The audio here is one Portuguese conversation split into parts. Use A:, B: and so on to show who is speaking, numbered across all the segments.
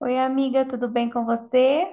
A: Oi, amiga, tudo bem com você?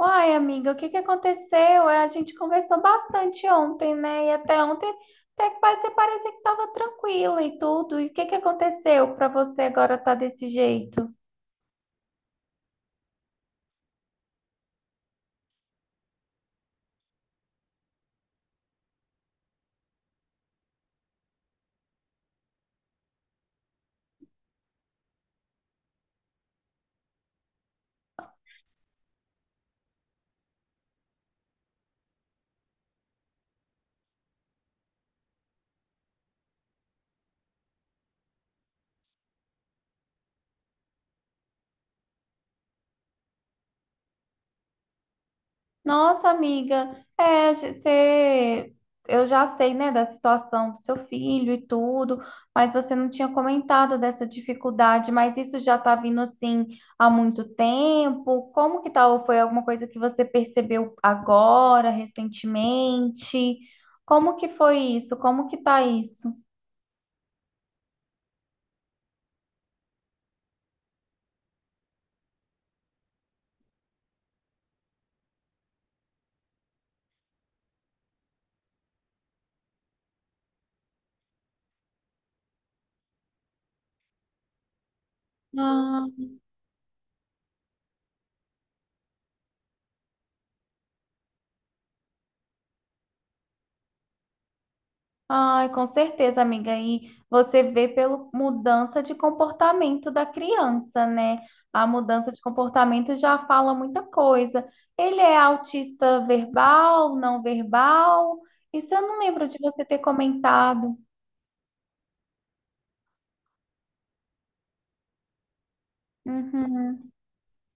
A: Uai, amiga, o que que aconteceu? A gente conversou bastante ontem, né? E até ontem, até que você parecia que estava tranquila e tudo. E o que que aconteceu para você agora estar desse jeito? Nossa, amiga, você, eu já sei, né, da situação do seu filho e tudo, mas você não tinha comentado dessa dificuldade, mas isso já tá vindo assim há muito tempo. Como que tá? Ou foi alguma coisa que você percebeu agora, recentemente? Como que foi isso? Como que tá isso? Ai, com certeza, amiga. E você vê pela mudança de comportamento da criança, né? A mudança de comportamento já fala muita coisa. Ele é autista verbal, não verbal? Isso eu não lembro de você ter comentado. Uhum.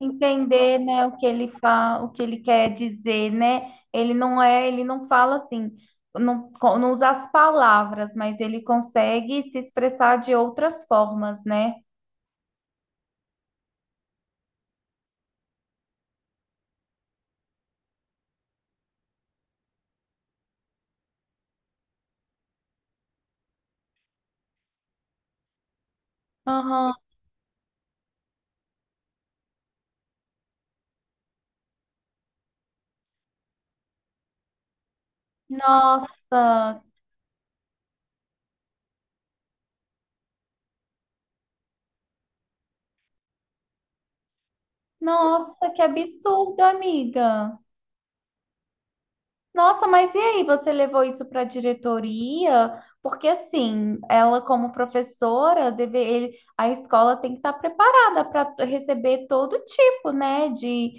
A: Entender, né, o que ele fala, o que ele quer dizer, né? Ele não é, ele não fala assim, não, não usa as palavras, mas ele consegue se expressar de outras formas, né? Aham. Nossa, nossa, que absurdo, amiga. Nossa, mas e aí, você levou isso para a diretoria? Porque assim, ela como professora, deve, a escola tem que estar preparada para receber todo tipo, né, de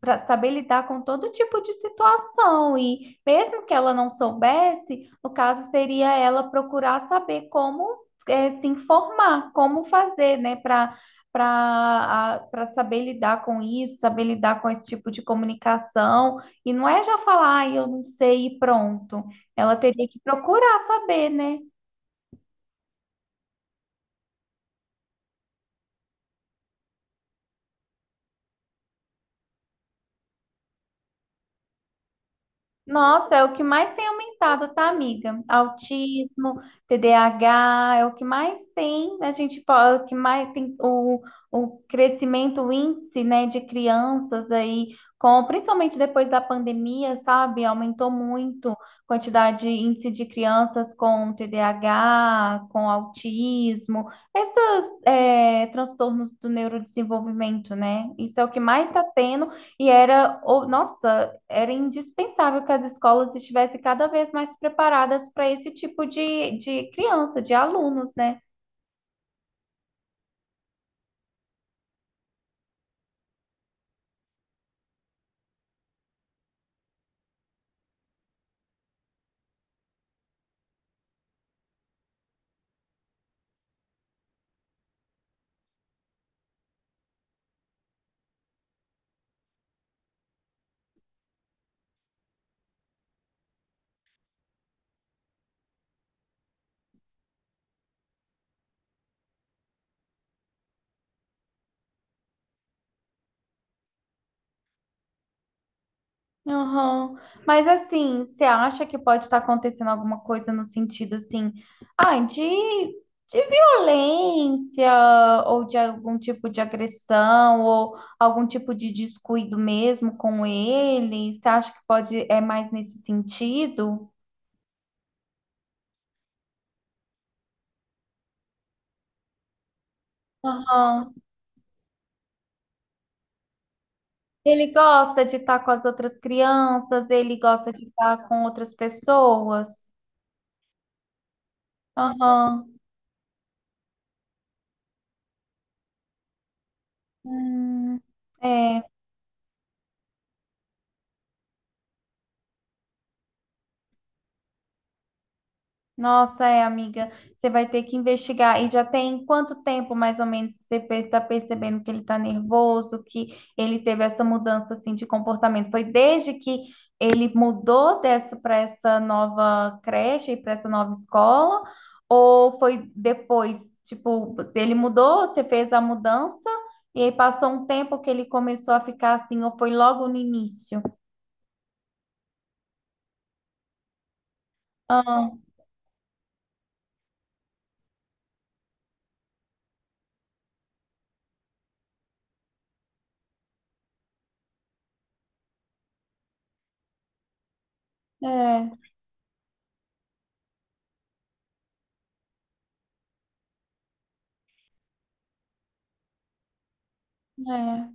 A: para saber lidar com todo tipo de situação. E mesmo que ela não soubesse, no caso seria ela procurar saber como é, se informar, como fazer, né, para saber lidar com isso, saber lidar com esse tipo de comunicação. E não é já falar, ah, eu não sei e pronto. Ela teria que procurar saber, né? Nossa, é o que mais tem aumentado, tá, amiga? Autismo, TDAH, é o que mais tem, a gente pode, o que mais tem o crescimento, o índice, né, de crianças aí, com, principalmente depois da pandemia, sabe? Aumentou muito a quantidade, índice de crianças com TDAH, com autismo, esses transtornos do neurodesenvolvimento, né? Isso é o que mais está tendo. E era, nossa, era indispensável que as escolas estivessem cada vez mais preparadas para esse tipo de criança, de alunos, né? Aham. Mas assim, você acha que pode estar acontecendo alguma coisa no sentido assim, ah, de violência ou de algum tipo de agressão ou algum tipo de descuido mesmo com ele? Você acha que pode é mais nesse sentido? Aham. Ele gosta de estar com as outras crianças, ele gosta de estar com outras pessoas. Aham. Hum, é. Nossa, é, amiga, você vai ter que investigar. E já tem quanto tempo, mais ou menos, que você está percebendo que ele está nervoso, que ele teve essa mudança assim de comportamento? Foi desde que ele mudou dessa para essa nova creche e para essa nova escola, ou foi depois? Tipo, ele mudou, você fez a mudança e aí passou um tempo que ele começou a ficar assim, ou foi logo no início? Ah, é, é.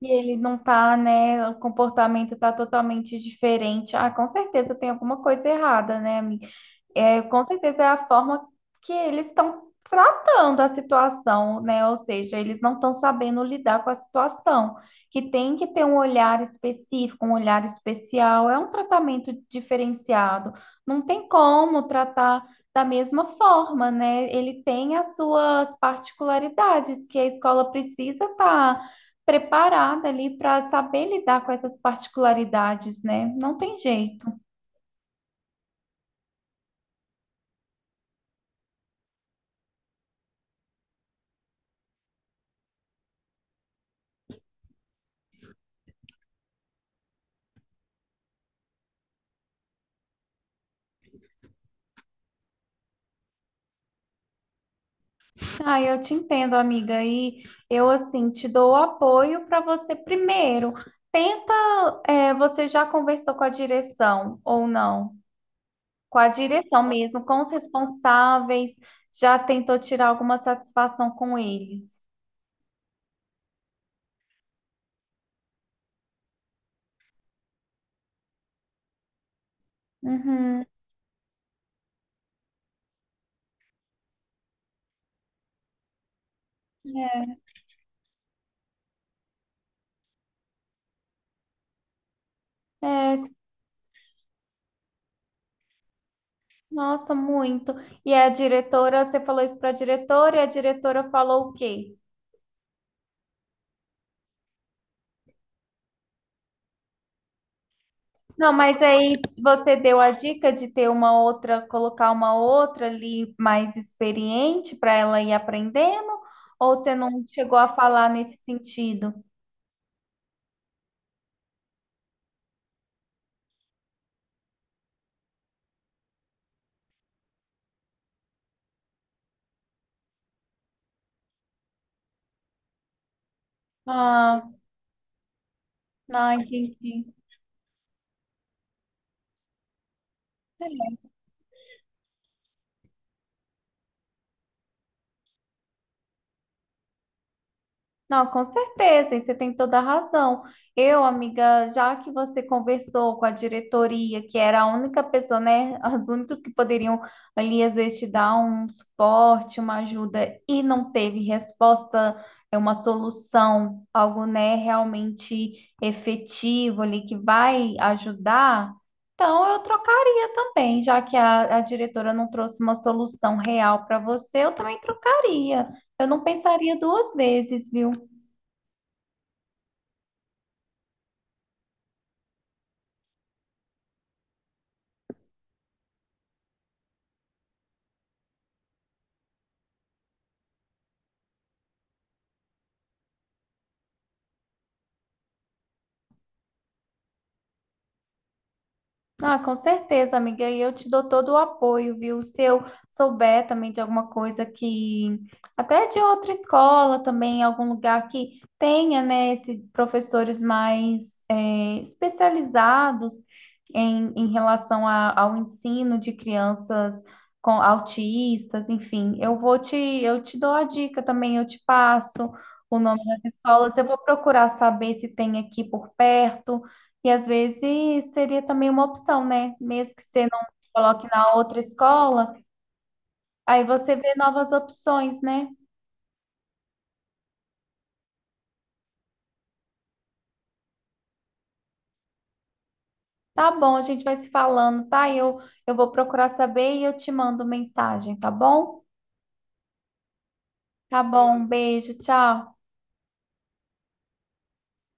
A: E ele não tá, né? O comportamento tá totalmente diferente. Ah, com certeza tem alguma coisa errada, né, amiga? É, com certeza é a forma que eles estão tratando a situação, né? Ou seja, eles não estão sabendo lidar com a situação, que tem que ter um olhar específico, um olhar especial, é um tratamento diferenciado. Não tem como tratar da mesma forma, né? Ele tem as suas particularidades que a escola precisa estar preparada ali para saber lidar com essas particularidades, né? Não tem jeito. Ah, eu te entendo, amiga. E eu, assim, te dou o apoio para você primeiro. Tenta, é, você já conversou com a direção ou não? Com a direção mesmo, com os responsáveis, já tentou tirar alguma satisfação com eles? Uhum. É, é, nossa, muito. E a diretora, você falou isso para a diretora e a diretora falou o quê? Não, mas aí você deu a dica de ter uma outra, colocar uma outra ali mais experiente para ela ir aprendendo, ou você não chegou a falar nesse sentido? Ah, não entendi. Não, com certeza, e você tem toda a razão. Eu, amiga, já que você conversou com a diretoria, que era a única pessoa, né, as únicas que poderiam ali às vezes te dar um suporte, uma ajuda e não teve resposta, é uma solução, algo, né, realmente efetivo ali que vai ajudar. Então, eu trocaria também, já que a diretora não trouxe uma solução real para você, eu também trocaria. Eu não pensaria duas vezes, viu? Ah, com certeza, amiga, e eu te dou todo o apoio, viu? Se eu souber também de alguma coisa que, até de outra escola também, algum lugar que tenha, né, esses professores mais especializados em, em relação ao ensino de crianças com autistas, enfim, eu te dou a dica também, eu te passo o nome das escolas, eu vou procurar saber se tem aqui por perto. E às vezes seria também uma opção, né? Mesmo que você não coloque na outra escola, aí você vê novas opções, né? Tá bom, a gente vai se falando, tá? Eu vou procurar saber e eu te mando mensagem, tá bom? Tá bom, um beijo, tchau.